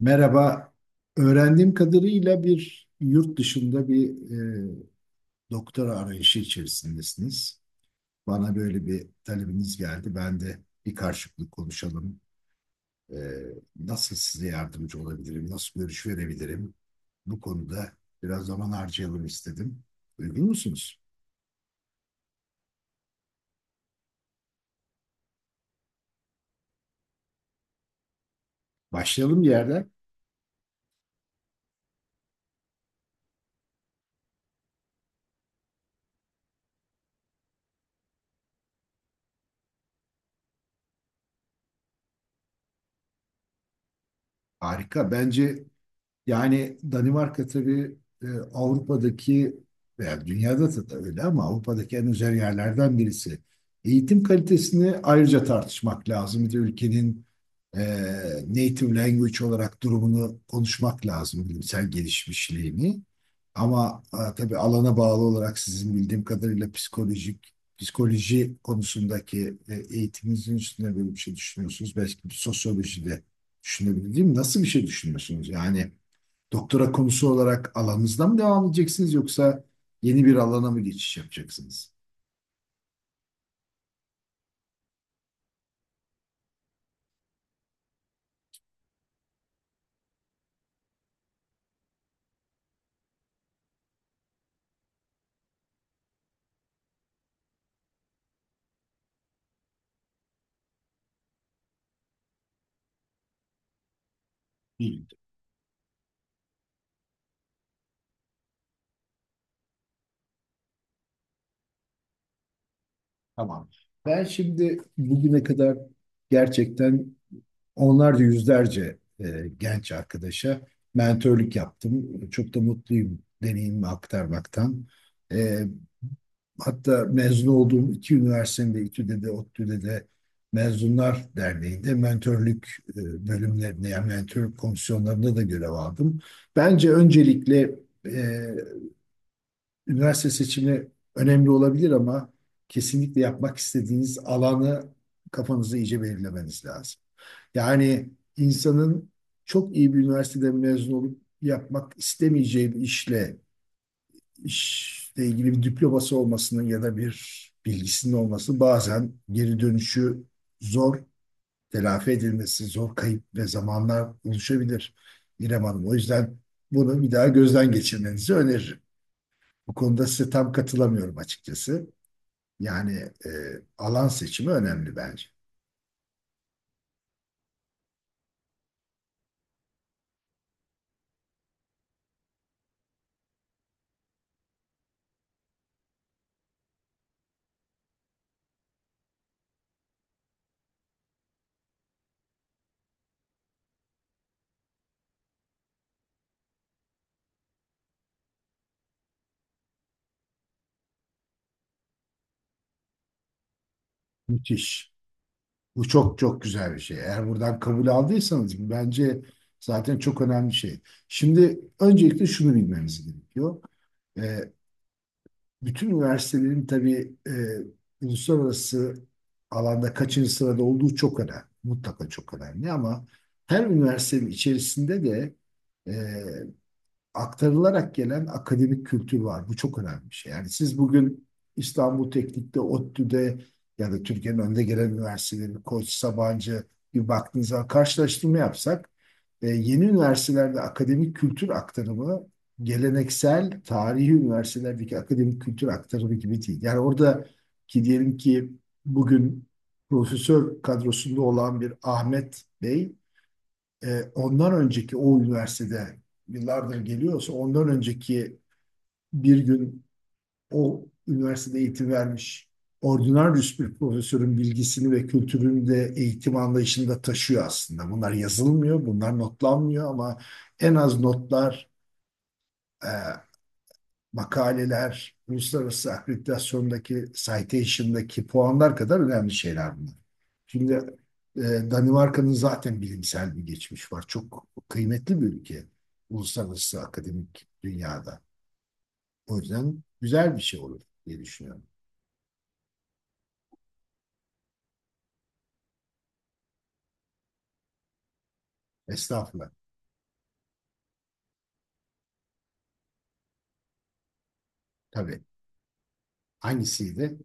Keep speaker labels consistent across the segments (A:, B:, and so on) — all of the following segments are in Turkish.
A: Merhaba. Öğrendiğim kadarıyla bir yurt dışında bir e, doktora arayışı içerisindesiniz. Bana böyle bir talebiniz geldi. Ben de bir karşılıklı konuşalım. E, Nasıl size yardımcı olabilirim? Nasıl görüş verebilirim? Bu konuda biraz zaman harcayalım istedim. Uygun musunuz? Başlayalım bir yerden. Harika. Bence yani Danimarka tabii e, Avrupa'daki veya dünyada da öyle ama Avrupa'daki en özel yerlerden birisi. Eğitim kalitesini ayrıca tartışmak lazım. Bir de ülkenin e, native language olarak durumunu konuşmak lazım, bilimsel gelişmişliğini. Ama tabii alana bağlı olarak sizin bildiğim kadarıyla psikoloji konusundaki eğitiminizin üstüne böyle bir şey düşünüyorsunuz. Belki bir sosyoloji de düşünebilirim. Nasıl bir şey düşünüyorsunuz? Yani doktora konusu olarak alanınızda mı devam edeceksiniz yoksa yeni bir alana mı geçiş yapacaksınız? Bilmiyorum. Tamam. Ben şimdi bugüne kadar gerçekten onlarca yüzlerce genç arkadaşa mentorluk yaptım. Çok da mutluyum deneyimimi aktarmaktan. E, Hatta mezun olduğum iki üniversitenin de İTÜ'de de ODTÜ'de de Mezunlar Derneği'nde mentörlük bölümlerinde yani mentörlük komisyonlarında da görev aldım. Bence öncelikle e, üniversite seçimi önemli olabilir ama kesinlikle yapmak istediğiniz alanı kafanızda iyice belirlemeniz lazım. Yani insanın çok iyi bir üniversiteden mezun olup yapmak istemeyeceği bir işle ilgili bir diploması olmasının ya da bir bilgisinin olması bazen geri dönüşü zor, telafi edilmesi zor kayıp ve zamanlar oluşabilir İrem Hanım. O yüzden bunu bir daha gözden geçirmenizi öneririm. Bu konuda size tam katılamıyorum açıkçası. Yani e, alan seçimi önemli bence. Müthiş. Bu çok çok güzel bir şey. Eğer buradan kabul aldıysanız bu bence zaten çok önemli şey. Şimdi öncelikle şunu bilmemiz gerekiyor. E, Bütün üniversitelerin tabii uluslararası alanda kaçıncı sırada olduğu çok önemli. Mutlaka çok önemli ama her üniversitenin içerisinde de aktarılarak gelen akademik kültür var. Bu çok önemli bir şey. Yani siz bugün İstanbul Teknik'te, ODTÜ'de ya da Türkiye'nin önde gelen üniversiteleri Koç, Sabancı, bir baktığınız karşılaştırma yapsak yeni üniversitelerde akademik kültür aktarımı geleneksel tarihi üniversitelerdeki akademik kültür aktarımı gibi değil. Yani orada ki diyelim ki bugün profesör kadrosunda olan bir Ahmet Bey ondan önceki o üniversitede yıllardır geliyorsa ondan önceki bir gün o üniversitede eğitim vermiş ordinaryüs bir profesörün bilgisini ve kültürünü de eğitim anlayışında taşıyor aslında. Bunlar yazılmıyor, bunlar notlanmıyor ama en az notlar, e, makaleler, uluslararası akreditasyondaki citation'daki puanlar kadar önemli şeyler bunlar. Şimdi Danimarka'nın zaten bilimsel bir geçmiş var. Çok kıymetli bir ülke uluslararası akademik dünyada. O yüzden güzel bir şey olur diye düşünüyorum. Estağfurullah. Tabii. Hangisiydi?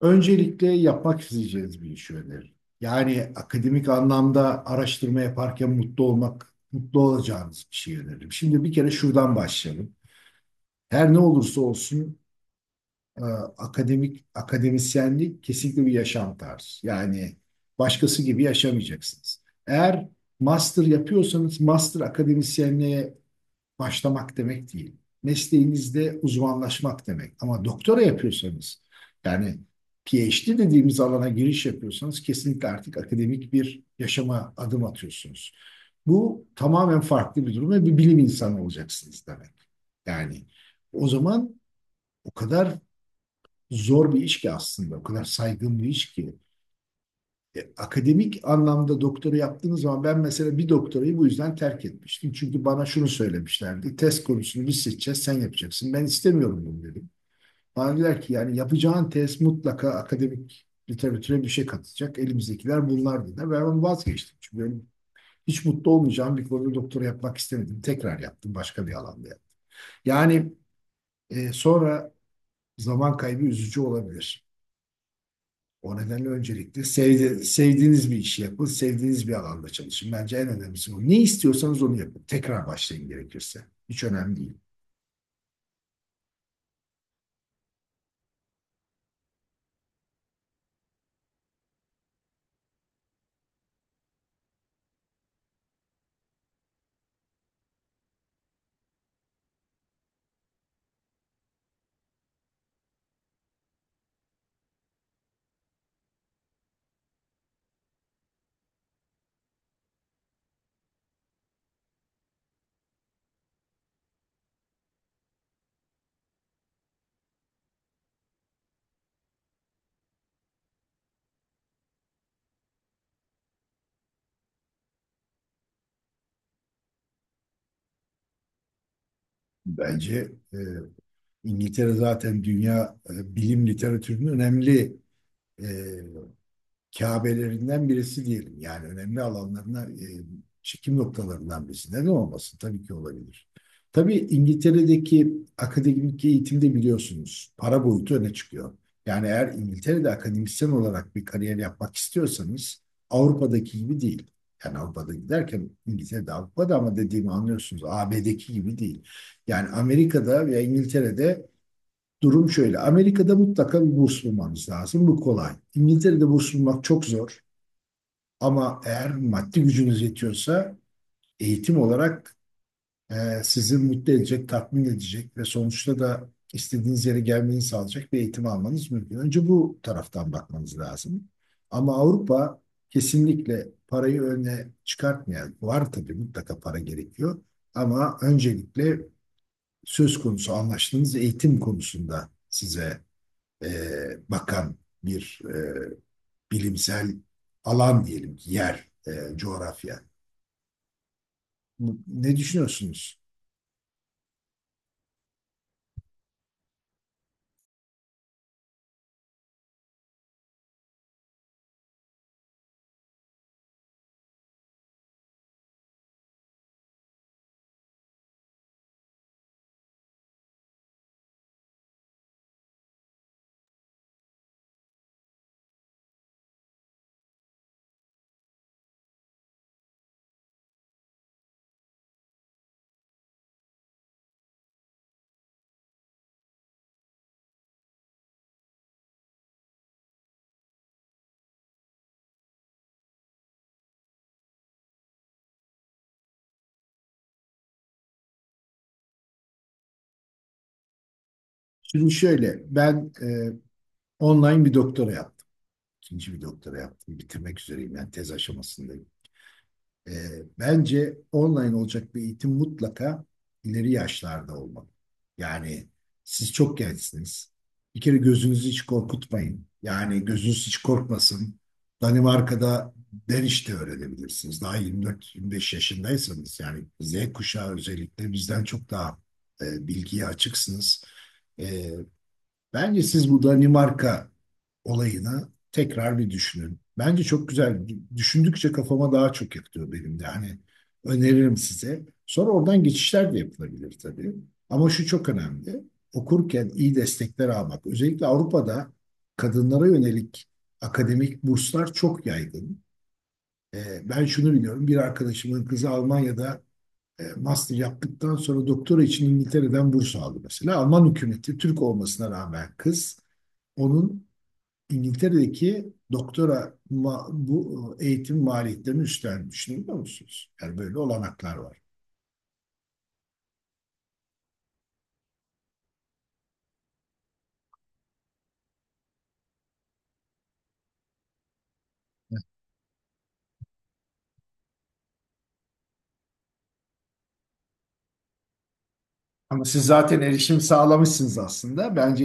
A: Öncelikle yapmak isteyeceğiniz bir iş önerir. Yani akademik anlamda araştırma yaparken mutlu olmak, mutlu olacağınız bir şey öneririm. Şimdi bir kere şuradan başlayalım. Her ne olursa olsun e, akademik akademisyenlik kesinlikle bir yaşam tarzı. Yani başkası gibi yaşamayacaksınız. Eğer master yapıyorsanız master akademisyenliğe başlamak demek değil. Mesleğinizde uzmanlaşmak demek. Ama doktora yapıyorsanız yani PhD dediğimiz alana giriş yapıyorsanız kesinlikle artık akademik bir yaşama adım atıyorsunuz. Bu tamamen farklı bir durum ve bir bilim insanı olacaksınız demek. Yani o zaman o kadar zor bir iş ki aslında, o kadar saygın bir iş ki. Akademik anlamda doktora yaptığınız zaman ben mesela bir doktorayı bu yüzden terk etmiştim. Çünkü bana şunu söylemişlerdi. Test konusunu biz seçeceğiz, sen yapacaksın. Ben istemiyorum bunu dedim. Bana dediler ki yani yapacağın test mutlaka akademik literatüre bir şey katacak. Elimizdekiler bunlar dediler. Ben onu vazgeçtim. Çünkü benim hiç mutlu olmayacağım bir konuda doktora yapmak istemedim. Tekrar yaptım başka bir alanda. Yani sonra zaman kaybı üzücü olabilir. O nedenle öncelikle sevdiğiniz bir işi yapın, sevdiğiniz bir alanda çalışın. Bence en önemlisi bu. Ne istiyorsanız onu yapın. Tekrar başlayın gerekirse. Hiç önemli değil. Bence İngiltere zaten dünya bilim literatürünün önemli e, Kabelerinden birisi diyelim. Yani önemli alanlarına, çekim noktalarından birisi. Neden olmasın? Tabii ki olabilir. Tabii İngiltere'deki akademik eğitimde biliyorsunuz para boyutu öne çıkıyor. Yani eğer İngiltere'de akademisyen olarak bir kariyer yapmak istiyorsanız Avrupa'daki gibi değil. Yani Avrupa'da giderken İngiltere'de Avrupa'da ama dediğimi anlıyorsunuz AB'deki gibi değil. Yani Amerika'da veya İngiltere'de durum şöyle. Amerika'da mutlaka bir burs bulmanız lazım. Bu kolay. İngiltere'de burs bulmak çok zor. Ama eğer maddi gücünüz yetiyorsa eğitim olarak e, sizi mutlu edecek, tatmin edecek ve sonuçta da istediğiniz yere gelmeyi sağlayacak bir eğitim almanız mümkün. Önce bu taraftan bakmanız lazım. Ama Avrupa kesinlikle parayı öne çıkartmayan, var tabii mutlaka para gerekiyor. Ama öncelikle söz konusu anlaştığınız eğitim konusunda size e, bakan bir bilimsel alan diyelim ki yer, coğrafya. Ne düşünüyorsunuz? Şimdi şöyle, ben online bir doktora yaptım. İkinci bir doktora yaptım. Bitirmek üzereyim. Yani tez aşamasındayım. E, Bence online olacak bir eğitim mutlaka ileri yaşlarda olmalı. Yani siz çok gençsiniz. Bir kere gözünüzü hiç korkutmayın. Yani gözünüz hiç korkmasın. Danimarka'da derişte öğrenebilirsiniz. Daha 24-25 yaşındaysanız yani Z kuşağı özellikle bizden çok daha bilgiye açıksınız. Ee, Bence siz bu Danimarka olayını tekrar bir düşünün. Bence çok güzel. Düşündükçe kafama daha çok yatıyor benim de. Hani öneririm size. Sonra oradan geçişler de yapılabilir tabii. Ama şu çok önemli. Okurken iyi destekler almak. Özellikle Avrupa'da kadınlara yönelik akademik burslar çok yaygın. Ben şunu biliyorum. Bir arkadaşımın kızı Almanya'da master yaptıktan sonra doktora için İngiltere'den burs aldı mesela. Alman hükümeti Türk olmasına rağmen kız onun İngiltere'deki doktora bu eğitim maliyetlerini üstlenmiş, biliyor musunuz? Yani böyle olanaklar var. Ama siz zaten erişim sağlamışsınız aslında. Bence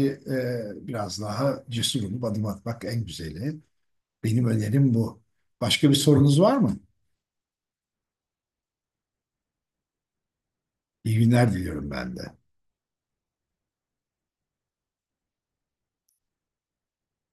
A: biraz daha cesur olup adım atmak en güzeli. Benim önerim bu. Başka bir sorunuz var mı? İyi günler diliyorum ben de.